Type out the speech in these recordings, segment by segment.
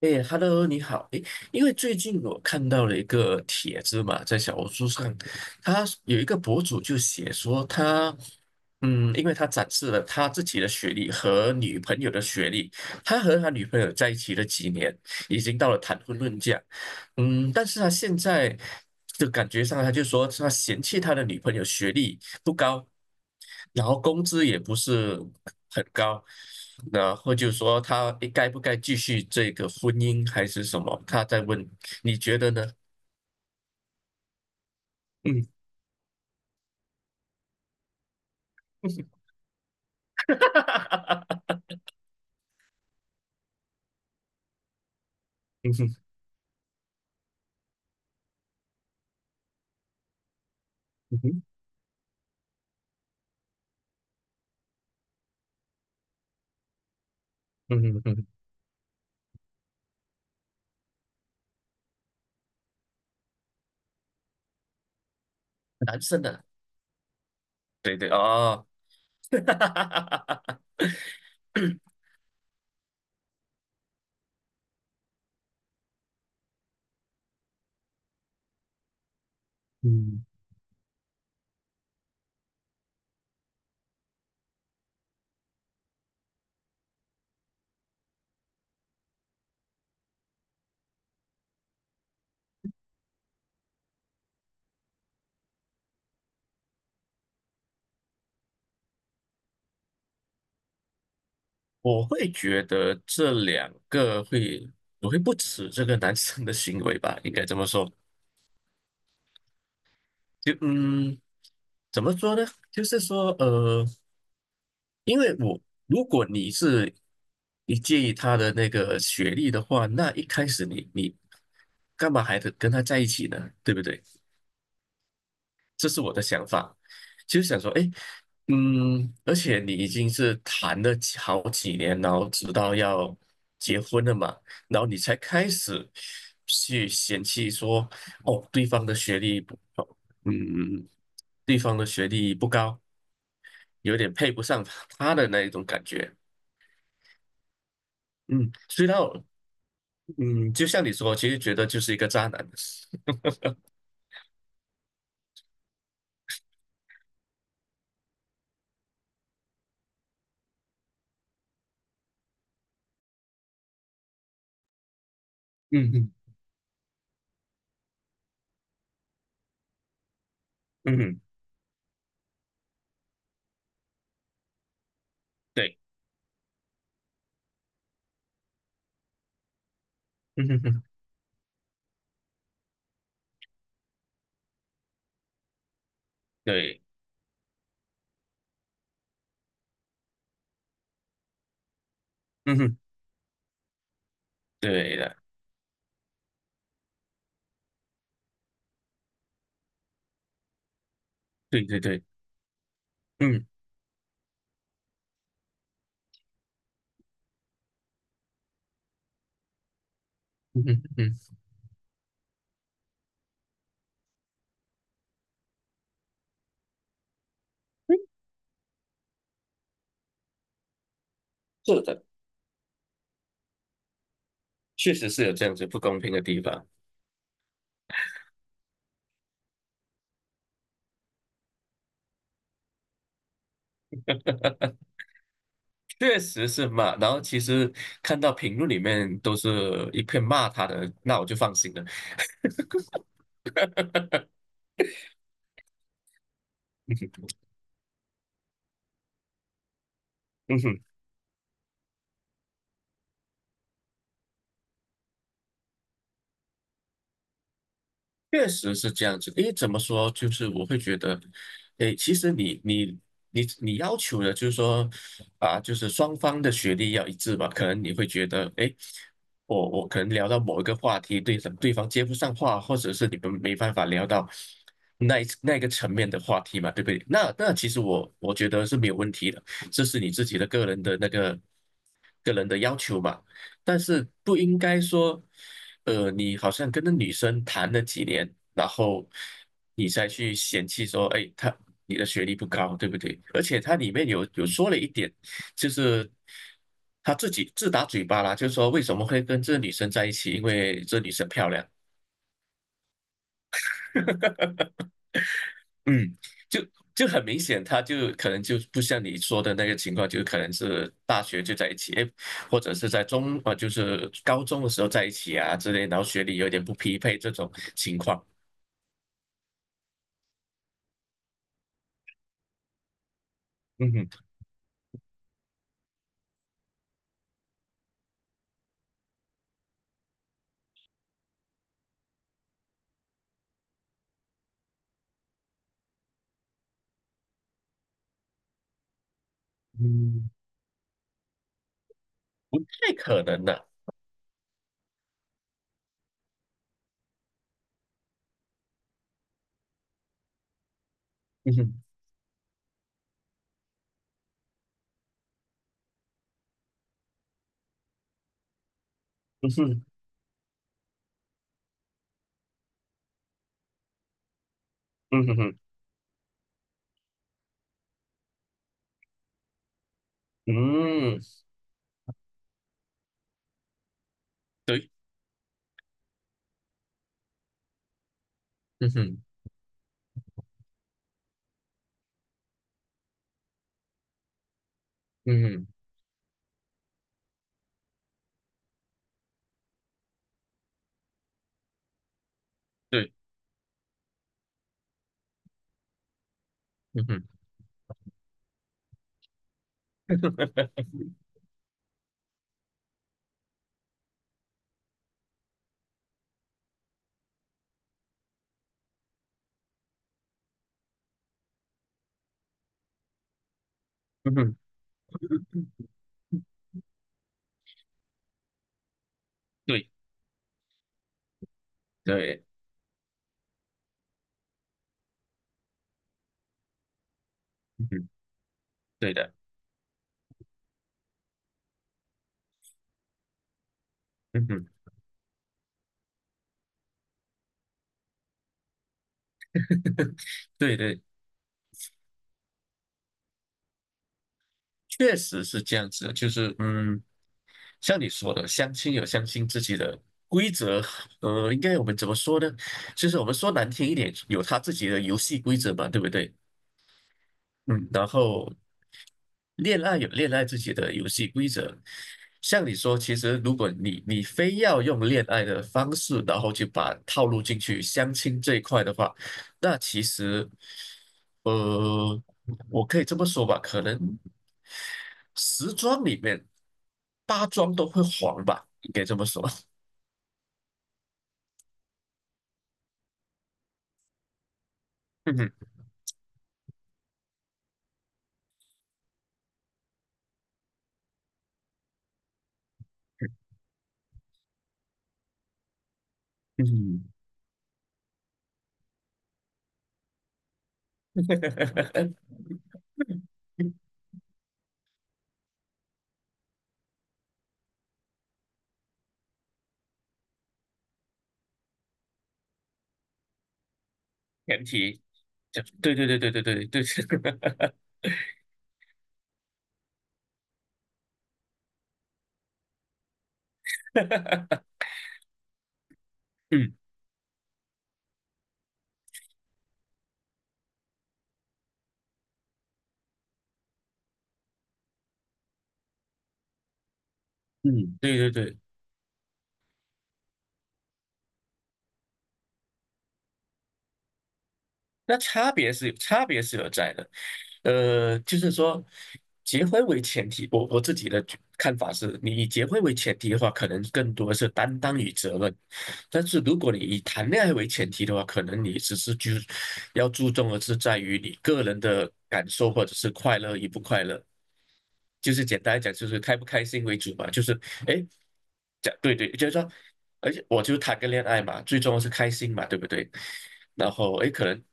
哎，Hello，你好。哎，因为最近我看到了一个帖子嘛，在小红书上，他有一个博主就写说他，因为他展示了他自己的学历和女朋友的学历，他和他女朋友在一起了几年，已经到了谈婚论嫁。但是他现在就感觉上，他就说他嫌弃他的女朋友学历不高，然后工资也不是很高，然后就说他该不该继续这个婚姻还是什么？他在问，你觉得呢？嗯。嗯哼。嗯哼。嗯哼。嗯哼。男生的。对对哦。嗯我会觉得这两个会，我会不耻这个男生的行为吧，应该这么说。就怎么说呢？就是说，因为我如果你介意他的那个学历的话，那一开始你干嘛还得跟他在一起呢？对不对？这是我的想法，其实想说，哎，而且你已经是谈了好几年，然后直到要结婚了嘛，然后你才开始去嫌弃说，哦，对方的学历不，哦嗯，对方的学历不高，有点配不上他的那一种感觉。嗯，所以到，嗯，就像你说，其实觉得就是一个渣男。嗯嗯。嗯哼。对。嗯哼哼。对。嗯哼。对的。对对对。嗯嗯哼嗯。是的。确实是有这样子不公平的地方。确实是骂。然后其实看到评论里面都是一片骂他的，那我就放心了。嗯哼。确实是这样子的，因为怎么说，就是我会觉得，诶，其实你要求的，就是说，啊，就是双方的学历要一致吧。可能你会觉得，诶，我可能聊到某一个话题，对方接不上话，或者是你们没办法聊到那个层面的话题嘛，对不对？那其实我觉得是没有问题的，这是你自己的个人的要求嘛。但是不应该说，你好像跟那女生谈了几年，然后你再去嫌弃说，哎，她你的学历不高，对不对？而且它里面有说了一点，就是他自己自打嘴巴啦，就是说为什么会跟这女生在一起，因为这女生漂亮。嗯，就就很明显，他就可能就不像你说的那个情况，就可能是大学就在一起，诶或者是在中啊，就是高中的时候在一起啊之类，然后学历有点不匹配这种情况。嗯哼。嗯，不太可能的。嗯哼。嗯哼。嗯哼哼。嗯。对。嗯哼。嗯哼。对。嗯哼。嗯哼。对。对。嗯哼。对的。嗯哼。对对。确实是这样子的就是像你说的，相亲有相亲自己的规则，应该我们怎么说呢？就是我们说难听一点，有他自己的游戏规则嘛，对不对？嗯。然后恋爱有恋爱自己的游戏规则，像你说，其实如果你非要用恋爱的方式，然后去把套路进去相亲这一块的话，那其实，呃，我可以这么说吧，可能时装里面八桩都会黄吧，应该这么说。嗯哼嗯哼。前提。对对对对对对对。嗯嗯。对对对。那差别是有在的，就是说，结婚为前提，我自己的看法是，你以结婚为前提的话，可能更多是担当与责任，但是如果你以谈恋爱为前提的话，可能你只是就要注重的是在于你个人的感受或者是快乐与不快乐，就是简单来讲，就是开不开心为主嘛。就是哎，诶对对，就是说，而且我就谈个恋爱嘛，最重要是开心嘛，对不对？然后哎，诶可能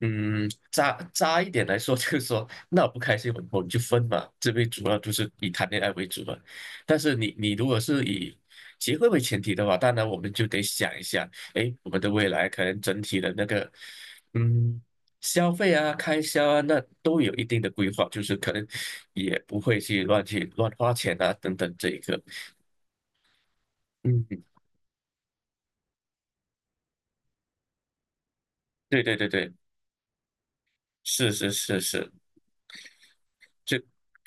渣渣一点来说，就是说，那我不开心，我们就分嘛。这边主要就是以谈恋爱为主嘛。但是你如果是以结婚为前提的话，当然我们就得想一下，哎，我们的未来可能整体的那个，嗯，消费啊、开销啊，那都有一定的规划，就是可能也不会去乱花钱啊，等等这一个。嗯。对对对对。是是是是。就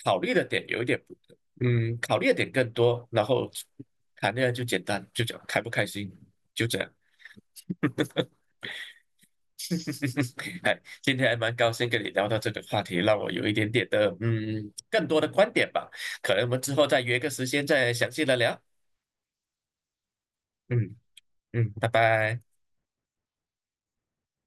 考虑的点有一点不，嗯，考虑的点更多，然后谈恋爱就简单，就讲开不开心，就这样。哎，今天还蛮高兴跟你聊到这个话题，让我有一点点的更多的观点吧，可能我们之后再约个时间再详细的聊。嗯嗯，拜拜。